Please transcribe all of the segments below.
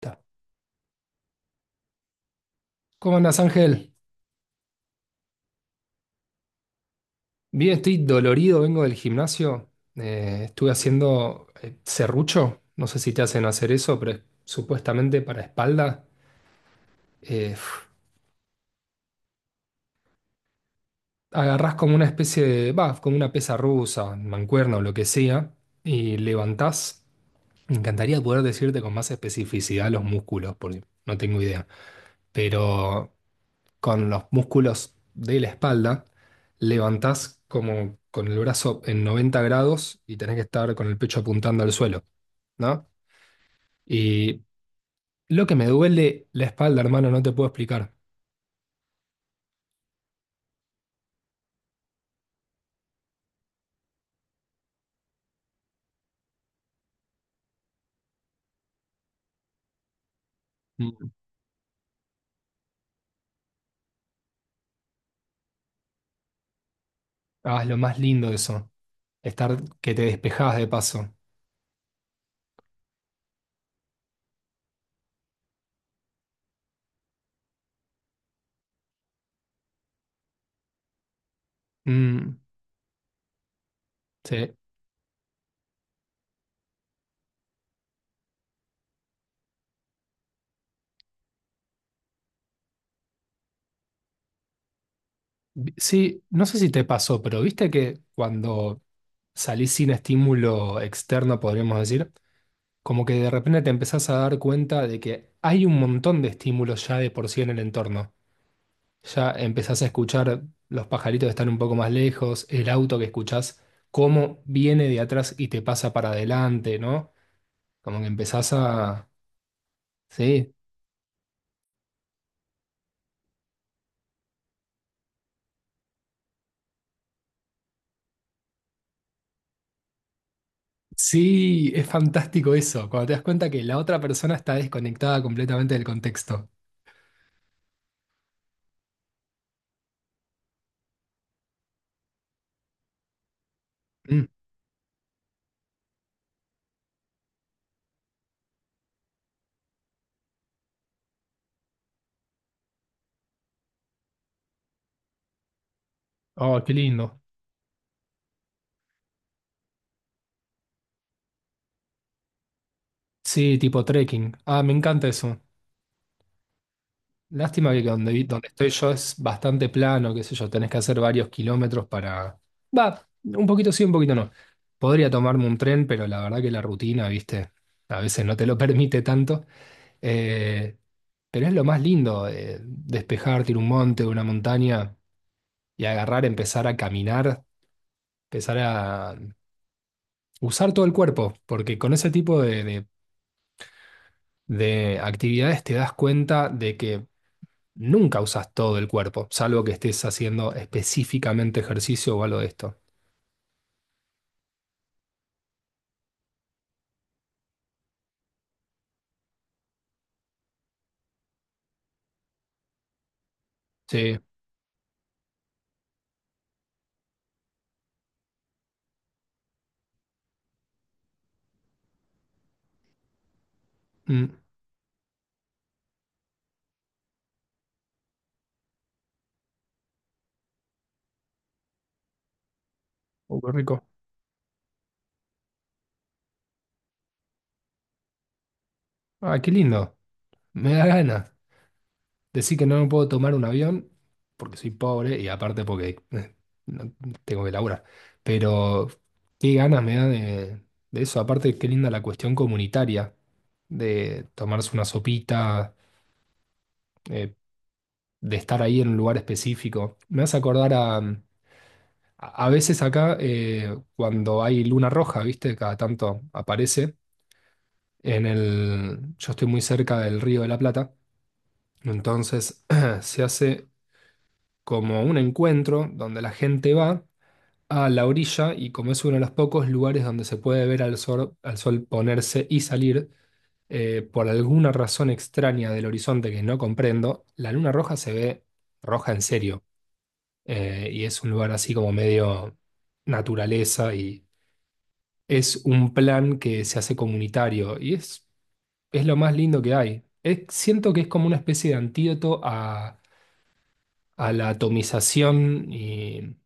Ta. ¿Cómo andas, Ángel? Bien, estoy dolorido, vengo del gimnasio. Estuve haciendo serrucho, no sé si te hacen hacer eso, pero es supuestamente para espalda. Eh, f- Agarrás como una especie de, va, como una pesa rusa, mancuerna o lo que sea, y levantás. Me encantaría poder decirte con más especificidad los músculos, porque no tengo idea. Pero con los músculos de la espalda, levantás como con el brazo en 90 grados y tenés que estar con el pecho apuntando al suelo, ¿no? Y lo que me duele la espalda, hermano, no te puedo explicar. Mm. Ah, es lo más lindo de eso, estar que te despejás de paso. Mm, sí. Sí, no sé si te pasó, pero viste que cuando salís sin estímulo externo, podríamos decir, como que de repente te empezás a dar cuenta de que hay un montón de estímulos ya de por sí en el entorno. Ya empezás a escuchar los pajaritos que están un poco más lejos, el auto que escuchás, cómo viene de atrás y te pasa para adelante, ¿no? Como que empezás a... Sí, sí, es fantástico eso, cuando te das cuenta que la otra persona está desconectada completamente del contexto. Mm. Oh, qué lindo. Sí, tipo trekking. Ah, me encanta eso. Lástima que donde, donde estoy yo es bastante plano, qué sé yo, tenés que hacer varios kilómetros para... Va, un poquito sí, un poquito no. Podría tomarme un tren, pero la verdad que la rutina, viste, a veces no te lo permite tanto. Eh, pero es lo más lindo, despejarte, ir a un monte, una montaña y agarrar, empezar a caminar, empezar a usar todo el cuerpo, porque con ese tipo de actividades te das cuenta de que nunca usas todo el cuerpo, salvo que estés haciendo específicamente ejercicio o algo de esto. Sí. Mm. Qué rico. Ah, qué lindo. Me da ganas. Decir que no me puedo tomar un avión porque soy pobre y aparte porque no- tengo que laburar. Pero qué ganas me da de eso. Aparte, qué linda la cuestión comunitaria de tomarse una sopita, eh, de estar ahí en un lugar específico. Me hace acordar a, a veces acá, cuando hay luna roja, ¿viste? Cada tanto aparece. En el, yo estoy muy cerca del Río de la Plata, entonces se hace como un encuentro donde la gente va a la orilla y como es uno de los pocos lugares donde se puede ver al sol ponerse y salir, por alguna razón extraña del horizonte que no comprendo, la luna roja se ve roja en serio. Eh, y es un lugar así como medio naturaleza y es un plan que se hace comunitario y es lo más lindo que hay. Siento que es como una especie de antídoto a la atomización y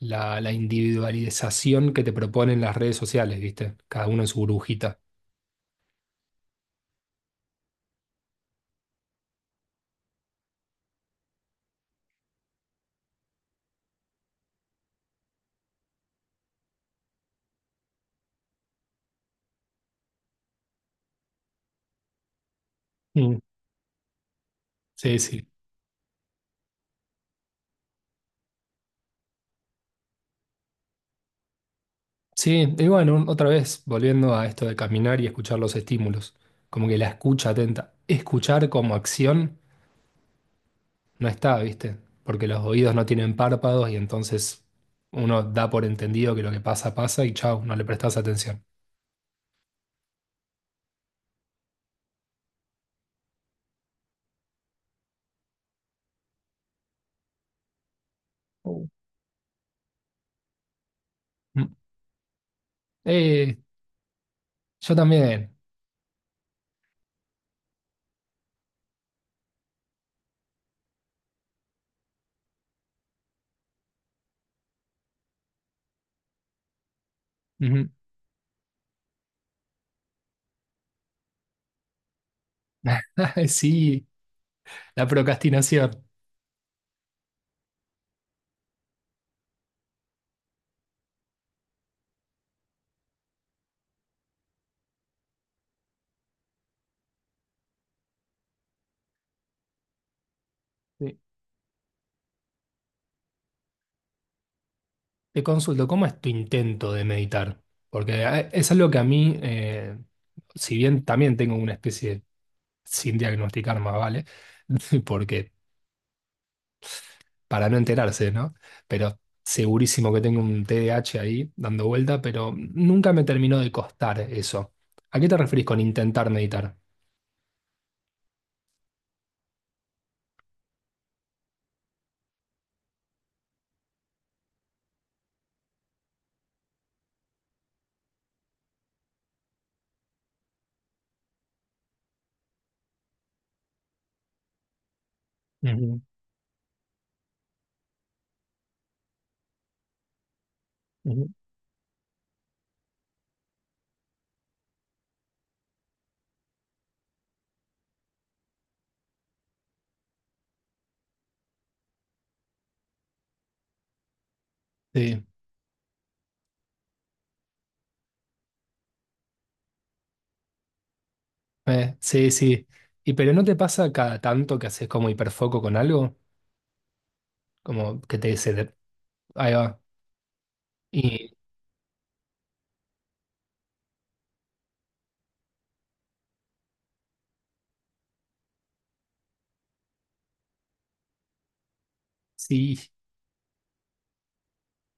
la individualización que te proponen las redes sociales, ¿viste? Cada uno en su burbujita. Mm. Sí, sí. Sí, y bueno, otra vez, volviendo a esto de caminar y escuchar los estímulos, como que la escucha atenta, escuchar como acción no está, ¿viste? Porque los oídos no tienen párpados y entonces uno da por entendido que lo que pasa, pasa y chau, no le prestas atención. Uh. Mm. Eh, yo también. Ujú. Sí, la procrastinación. Sí. Te consulto, ¿cómo es tu intento de meditar? Porque es algo que a mí, si bien también tengo una especie de sin diagnosticar más, ¿vale? Porque para no enterarse, ¿no? Pero segurísimo que tengo un T D A H ahí dando vuelta, pero nunca me terminó de costar eso. ¿A qué te referís con intentar meditar? Ujú, ujú. Sí, sí, sí. ¿Y pero no te pasa cada tanto que haces como hiperfoco con algo? Como que te ahí va. Y sí,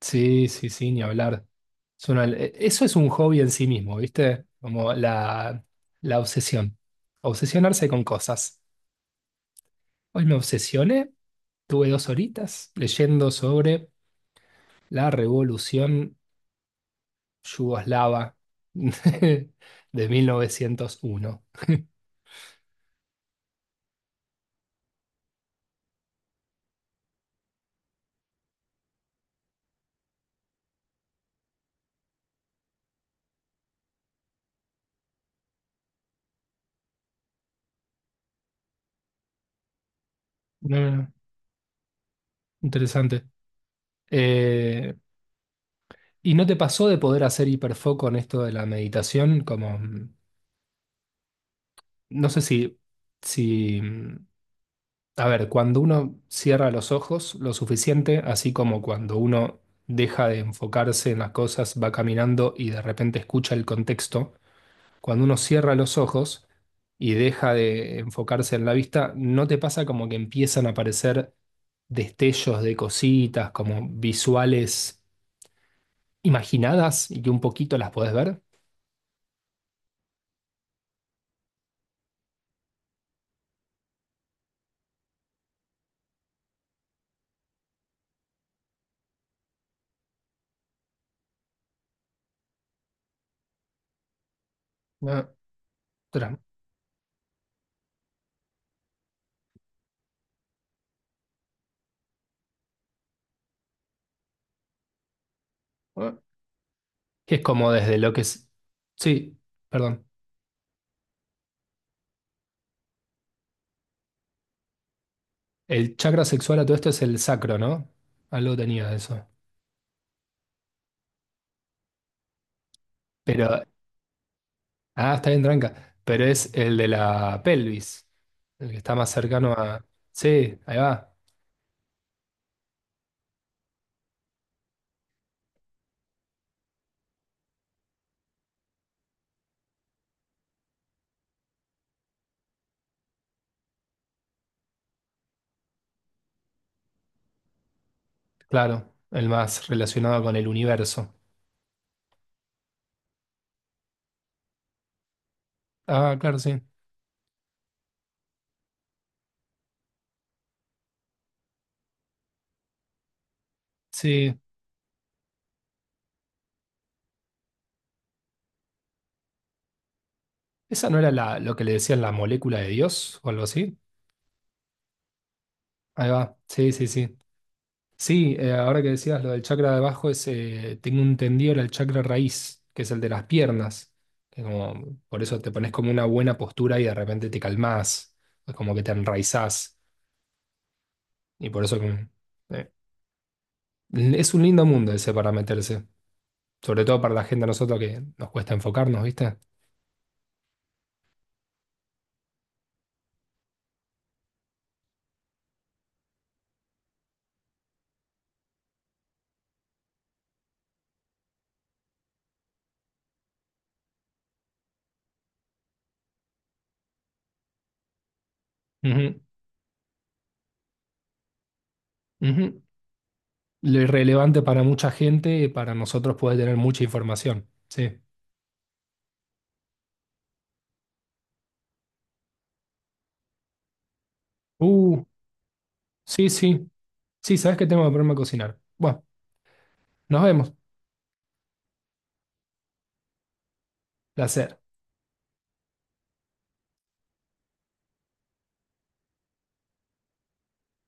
sí, sí, sí, ni hablar. Eso es un hobby en sí mismo, ¿viste? Como la obsesión. Obsesionarse con cosas. Hoy me obsesioné. Tuve dos horitas leyendo sobre la revolución yugoslava de 1901. No, no, no. Interesante. Eh, ¿Y no te pasó de poder hacer hiperfoco en esto de la meditación? Como, no sé si, si, a ver, cuando uno cierra los ojos lo suficiente, así como cuando uno deja de enfocarse en las cosas, va caminando y de repente escucha el contexto cuando uno cierra los ojos y deja de enfocarse en la vista, ¿no te pasa como que empiezan a aparecer destellos de cositas, como visuales imaginadas y que un poquito las podés ver? Ah. Otra- ah, que es como desde lo que es... Sí, perdón. El chakra sexual a todo esto es el sacro, ¿no? Algo tenía de eso. Pero... Ah, está bien, tranca. Pero es el de la pelvis, el que está más cercano a... Sí, ahí va. Claro, el más relacionado con el universo. Ah, claro, sí. Sí. ¿Esa no era la, lo que le decían la molécula de Dios o algo así? Ahí va. Sí, sí, sí. Sí, ahora que decías lo del chakra de abajo, es, tengo entendido era el chakra raíz, que es el de las piernas. Que como, por eso te pones como una buena postura y de repente te calmás, es como que te enraizás. Y por eso que, eh, es un lindo mundo ese para meterse. Sobre todo para la gente a nosotros que nos cuesta enfocarnos, ¿viste? Ujú, ujú. Lo irrelevante para mucha gente, para nosotros puede tener mucha información. Sí. Uh, sí, sí. Sí, sabes que tengo que ponerme a cocinar. Bueno, nos vemos. Placer.